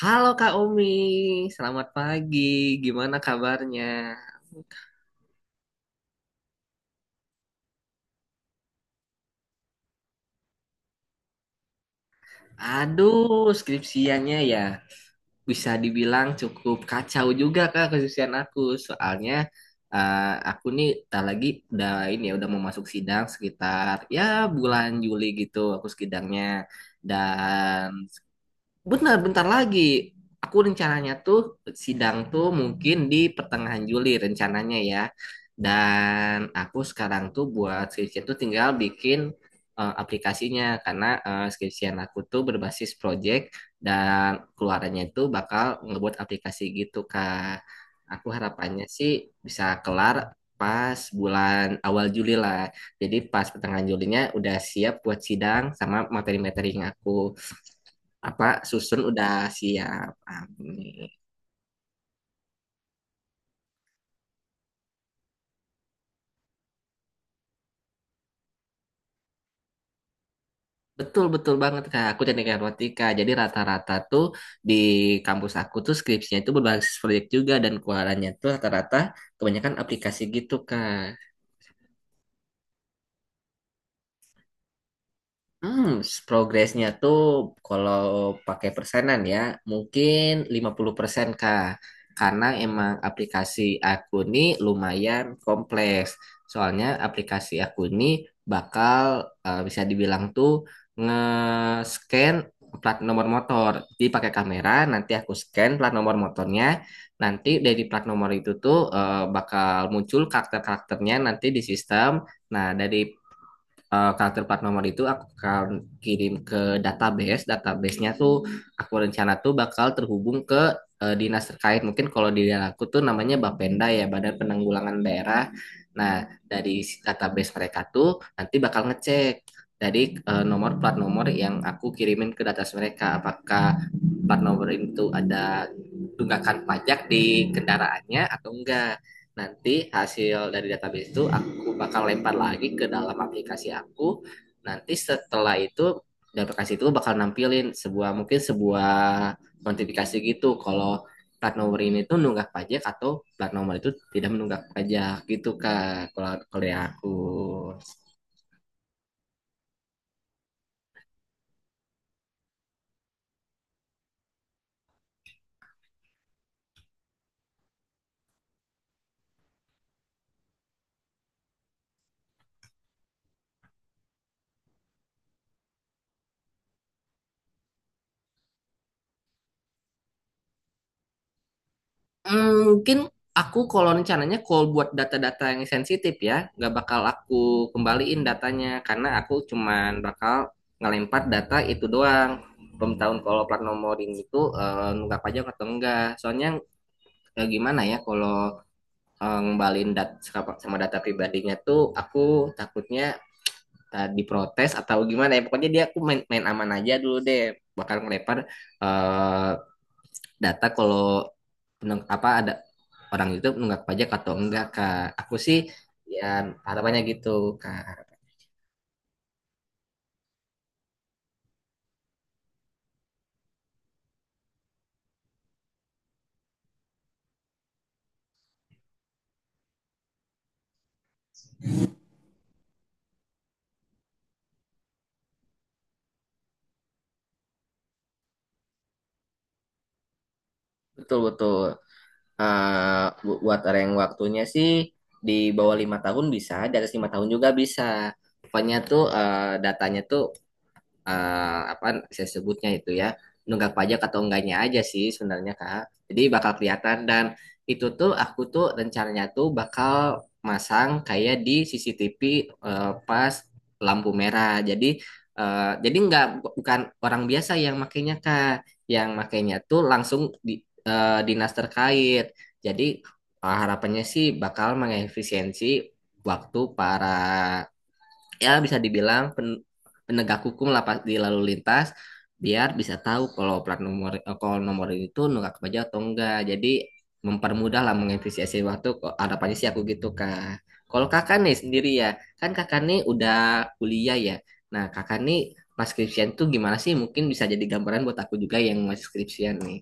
Halo Kak Omi, selamat pagi. Gimana kabarnya? Aduh, skripsiannya ya bisa dibilang cukup kacau juga Kak skripsian aku. Soalnya eh, aku nih tak lagi udah ini ya udah mau masuk sidang sekitar ya bulan Juli gitu aku sidangnya. Dan Benar, bentar lagi. Aku rencananya tuh sidang tuh mungkin di pertengahan Juli rencananya ya. Dan aku sekarang tuh buat skripsi tuh tinggal bikin aplikasinya karena skripsian aku tuh berbasis project dan keluarannya itu bakal ngebuat aplikasi gitu Kak. Aku harapannya sih bisa kelar pas bulan awal Juli lah. Jadi pas pertengahan Julinya udah siap buat sidang sama materi-materinya aku apa susun udah siap Amin. Betul betul banget kak aku teknik informatika jadi rata-rata tuh di kampus aku tuh skripsinya itu berbasis proyek juga dan keluarannya tuh rata-rata kebanyakan aplikasi gitu kak. Hmm, progresnya tuh kalau pakai persenan ya, mungkin 50% Kak. Karena emang aplikasi aku ini lumayan kompleks. Soalnya aplikasi aku ini bakal bisa dibilang tuh nge-scan plat nomor motor. Jadi pakai kamera, nanti aku scan plat nomor motornya. Nanti dari plat nomor itu tuh bakal muncul karakter-karakternya nanti di sistem. Nah, dari karakter plat nomor itu aku akan kirim ke database. Database-nya tuh aku rencana tuh bakal terhubung ke dinas terkait. Mungkin kalau di daerah aku tuh namanya Bapenda ya, Badan Penanggulangan Daerah. Nah, dari si database mereka tuh nanti bakal ngecek dari nomor plat nomor yang aku kirimin ke database mereka apakah plat nomor itu ada tunggakan pajak di kendaraannya atau enggak. Nanti hasil dari database itu aku bakal lempar lagi ke dalam aplikasi aku. Nanti setelah itu di aplikasi itu bakal nampilin sebuah mungkin sebuah notifikasi gitu kalau plat nomor ini tuh nunggak pajak atau plat nomor itu tidak menunggak pajak gitu kak kalau kalau dari aku. Hmm, mungkin aku kalau rencananya call buat data-data yang sensitif ya, nggak bakal aku kembaliin datanya karena aku cuman bakal ngelempar data itu doang. Pemberitahuan kalau plat nomorin itu nunggak pajak atau enggak. Soalnya gimana ya kalau ngembaliin dat sama sama data pribadinya tuh aku takutnya diprotes atau gimana ya. Pokoknya dia aku main aman aja dulu deh. Bakal ngelempar eh, data kalau peneng- apa ada orang itu menunggak pajak atau enggak kak aku sih ya harapannya gitu kak. Betul betul. Eh, buat orang yang waktunya sih di bawah 5 tahun bisa, di atas 5 tahun juga bisa. Pokoknya tuh datanya tuh apa saya sebutnya itu ya nunggak pajak atau enggaknya aja sih sebenarnya Kak. Jadi bakal kelihatan dan itu tuh aku tuh rencananya tuh bakal masang kayak di CCTV pas lampu merah. Jadi jadi nggak bukan orang biasa yang makainya Kak, yang makainya tuh langsung di dinas terkait. Jadi harapannya sih bakal mengefisiensi waktu para ya bisa dibilang pen- penegak hukum lah pas- di lalu lintas biar bisa tahu kalau plat nomor kalau nomor itu nunggak pajak atau enggak. Jadi mempermudah lah mengefisiensi waktu. Kok harapannya sih aku gitu kak. Kalau kakak nih sendiri ya, kan kakak nih udah kuliah ya. Nah kakak nih pas skripsian tuh gimana sih? Mungkin bisa jadi gambaran buat aku juga yang masih skripsian nih.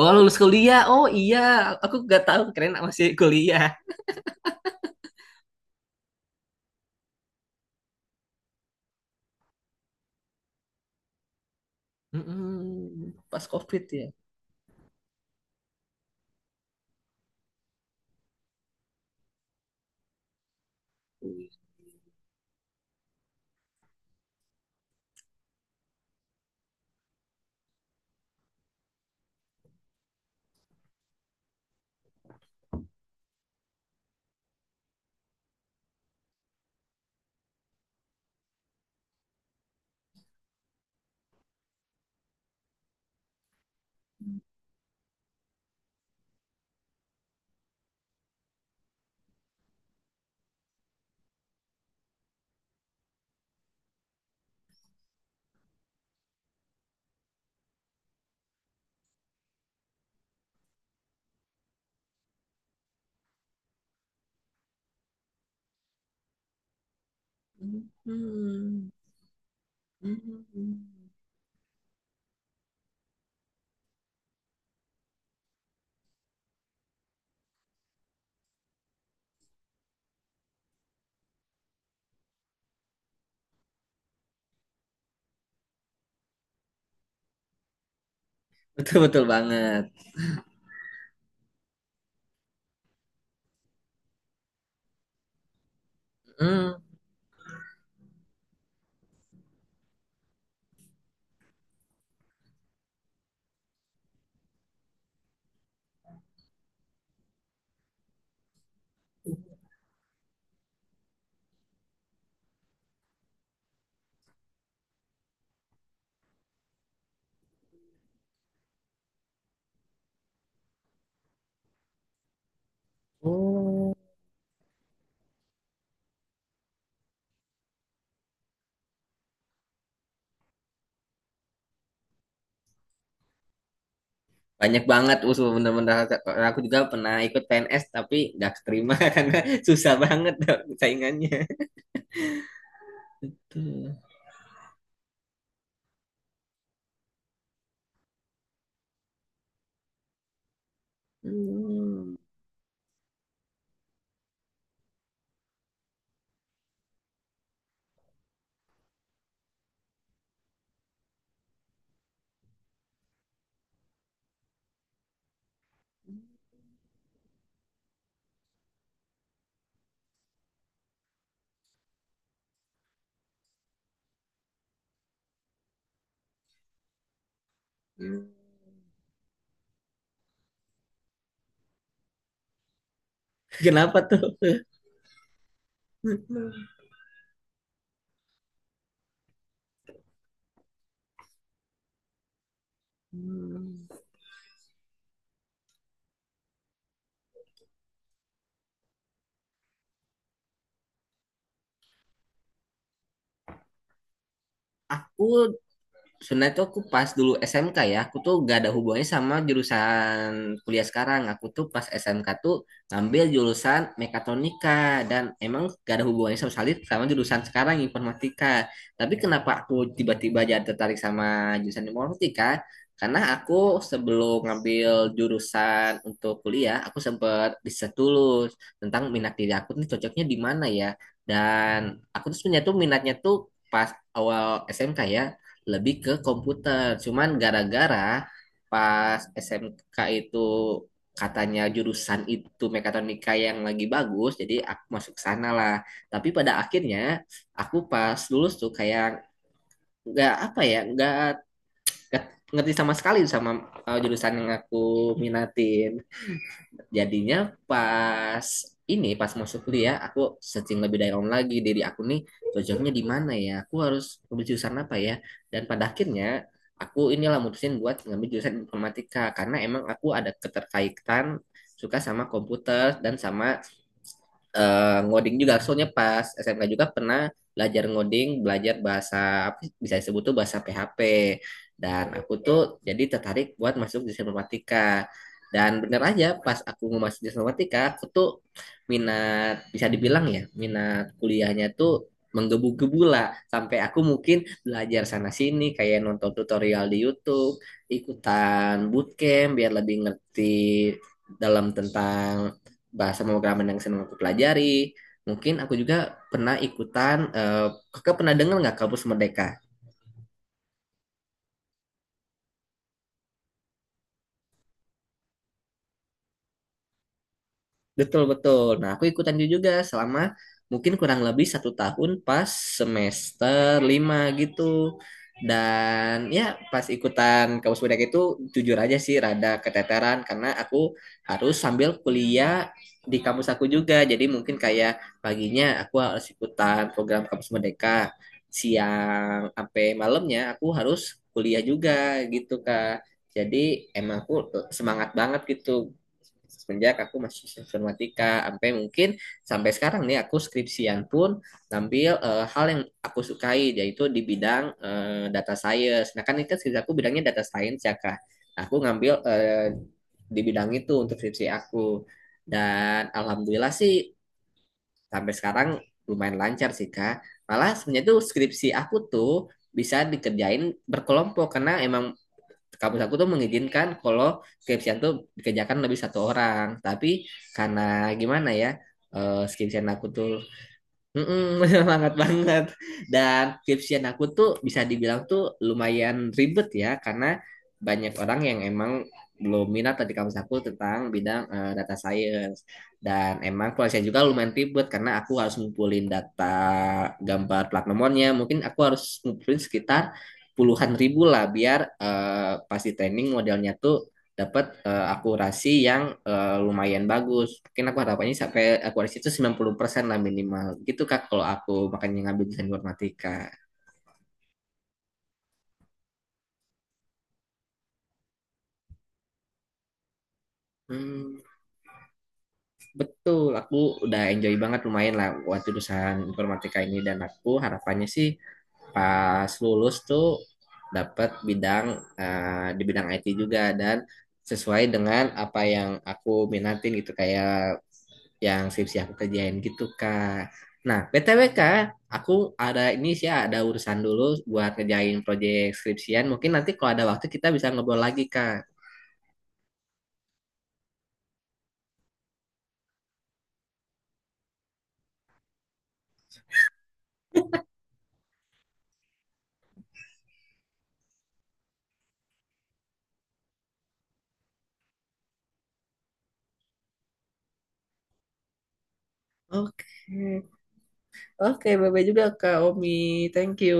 Oh lulus kuliah, oh iya, aku gak tahu keren masih kuliah. Mm-mm, pas COVID ya. Mm-mm. Hmm. Betul betul banget. Hmm. Oh. Banyak banget usul bener-bener aku juga pernah ikut PNS tapi nggak keterima karena susah banget dok, saingannya. Tuh. Hmm. Kenapa tuh? Hmm. Aku sebenarnya tuh aku pas dulu SMK ya, aku tuh gak ada hubungannya sama jurusan kuliah sekarang. Aku tuh pas SMK tuh ngambil jurusan mekatronika dan emang gak ada hubungannya sama sekali sama jurusan sekarang informatika. Tapi kenapa aku tiba-tiba jadi tertarik sama jurusan informatika? Karena aku sebelum ngambil jurusan untuk kuliah, aku sempat riset dulu tentang minat diri aku nih cocoknya di mana ya. Dan aku tuh sebenarnya tuh minatnya tuh pas awal SMK ya lebih ke komputer. Cuman gara-gara pas SMK itu katanya jurusan itu mekatronika yang lagi bagus, jadi aku masuk sana lah. Tapi pada akhirnya aku pas lulus tuh kayak nggak apa ya, nggak ngerti sama sekali sama jurusan yang aku minatin. Jadinya pas pas masuk kuliah aku searching lebih dalam lagi diri aku nih cocoknya di mana ya. Aku harus ngambil jurusan apa ya. Dan pada akhirnya aku inilah mutusin buat ngambil jurusan informatika karena emang aku ada keterkaitan suka sama komputer dan sama ngoding juga. Soalnya pas SMK juga pernah belajar ngoding, belajar bahasa apa sih, bisa disebut tuh bahasa PHP. Dan aku tuh jadi tertarik buat masuk di informatika. Dan bener aja pas aku mau masuk di informatika, aku tuh minat bisa dibilang ya minat kuliahnya tuh menggebu-gebu lah sampai aku mungkin belajar sana sini kayak nonton tutorial di YouTube, ikutan bootcamp biar lebih ngerti dalam tentang bahasa pemrograman yang senang aku pelajari. Mungkin aku juga pernah ikutan, kakak pernah dengar nggak Kampus Merdeka? Betul betul. Nah aku ikutan itu juga selama mungkin kurang lebih 1 tahun pas semester 5 gitu. Dan ya pas ikutan kampus budak itu jujur aja sih rada keteteran karena aku harus sambil kuliah di kampus aku juga. Jadi mungkin kayak paginya aku harus ikutan program kampus merdeka. Siang sampai malamnya aku harus kuliah juga gitu Kak. Jadi emang aku semangat banget gitu semenjak aku masih informatika sampai mungkin sampai sekarang nih aku skripsian pun ngambil hal yang aku sukai yaitu di bidang data science. Nah kan ini kan skripsi aku bidangnya data science ya kak. Nah, aku ngambil di bidang itu untuk skripsi aku dan alhamdulillah sih sampai sekarang lumayan lancar sih kak. Malah sebenarnya tuh skripsi aku tuh bisa dikerjain berkelompok karena emang kampus aku tuh mengizinkan kalau skripsian tuh dikerjakan lebih satu orang tapi karena gimana ya eh skripsian aku tuh Mm-mm, semangat banget. Dan skripsian aku tuh bisa dibilang tuh lumayan ribet ya, karena banyak orang yang emang belum minat tadi kampus aku tentang bidang data science. Dan emang prosesnya juga lumayan ribet karena aku harus ngumpulin data gambar plat nomornya. Mungkin aku harus ngumpulin sekitar puluhan ribu lah biar pas di training modelnya tuh dapat akurasi yang lumayan bagus. Mungkin aku harapannya sampai akurasi itu 90% lah minimal. Gitu Kak kalau aku makanya ngambil desain informatika. Hmm, betul, aku udah enjoy banget lumayan lah buat jurusan informatika ini dan aku harapannya sih pas lulus tuh dapat bidang di bidang IT juga dan sesuai dengan apa yang aku minatin gitu kayak yang skripsi aku kerjain gitu kak. Nah btw kak, aku ada ini sih ada urusan dulu buat ngejain proyek skripsian. Mungkin nanti kalau ada waktu kita bisa ngobrol lagi kak. Oke, oke, bye bye juga kak Omi, thank you.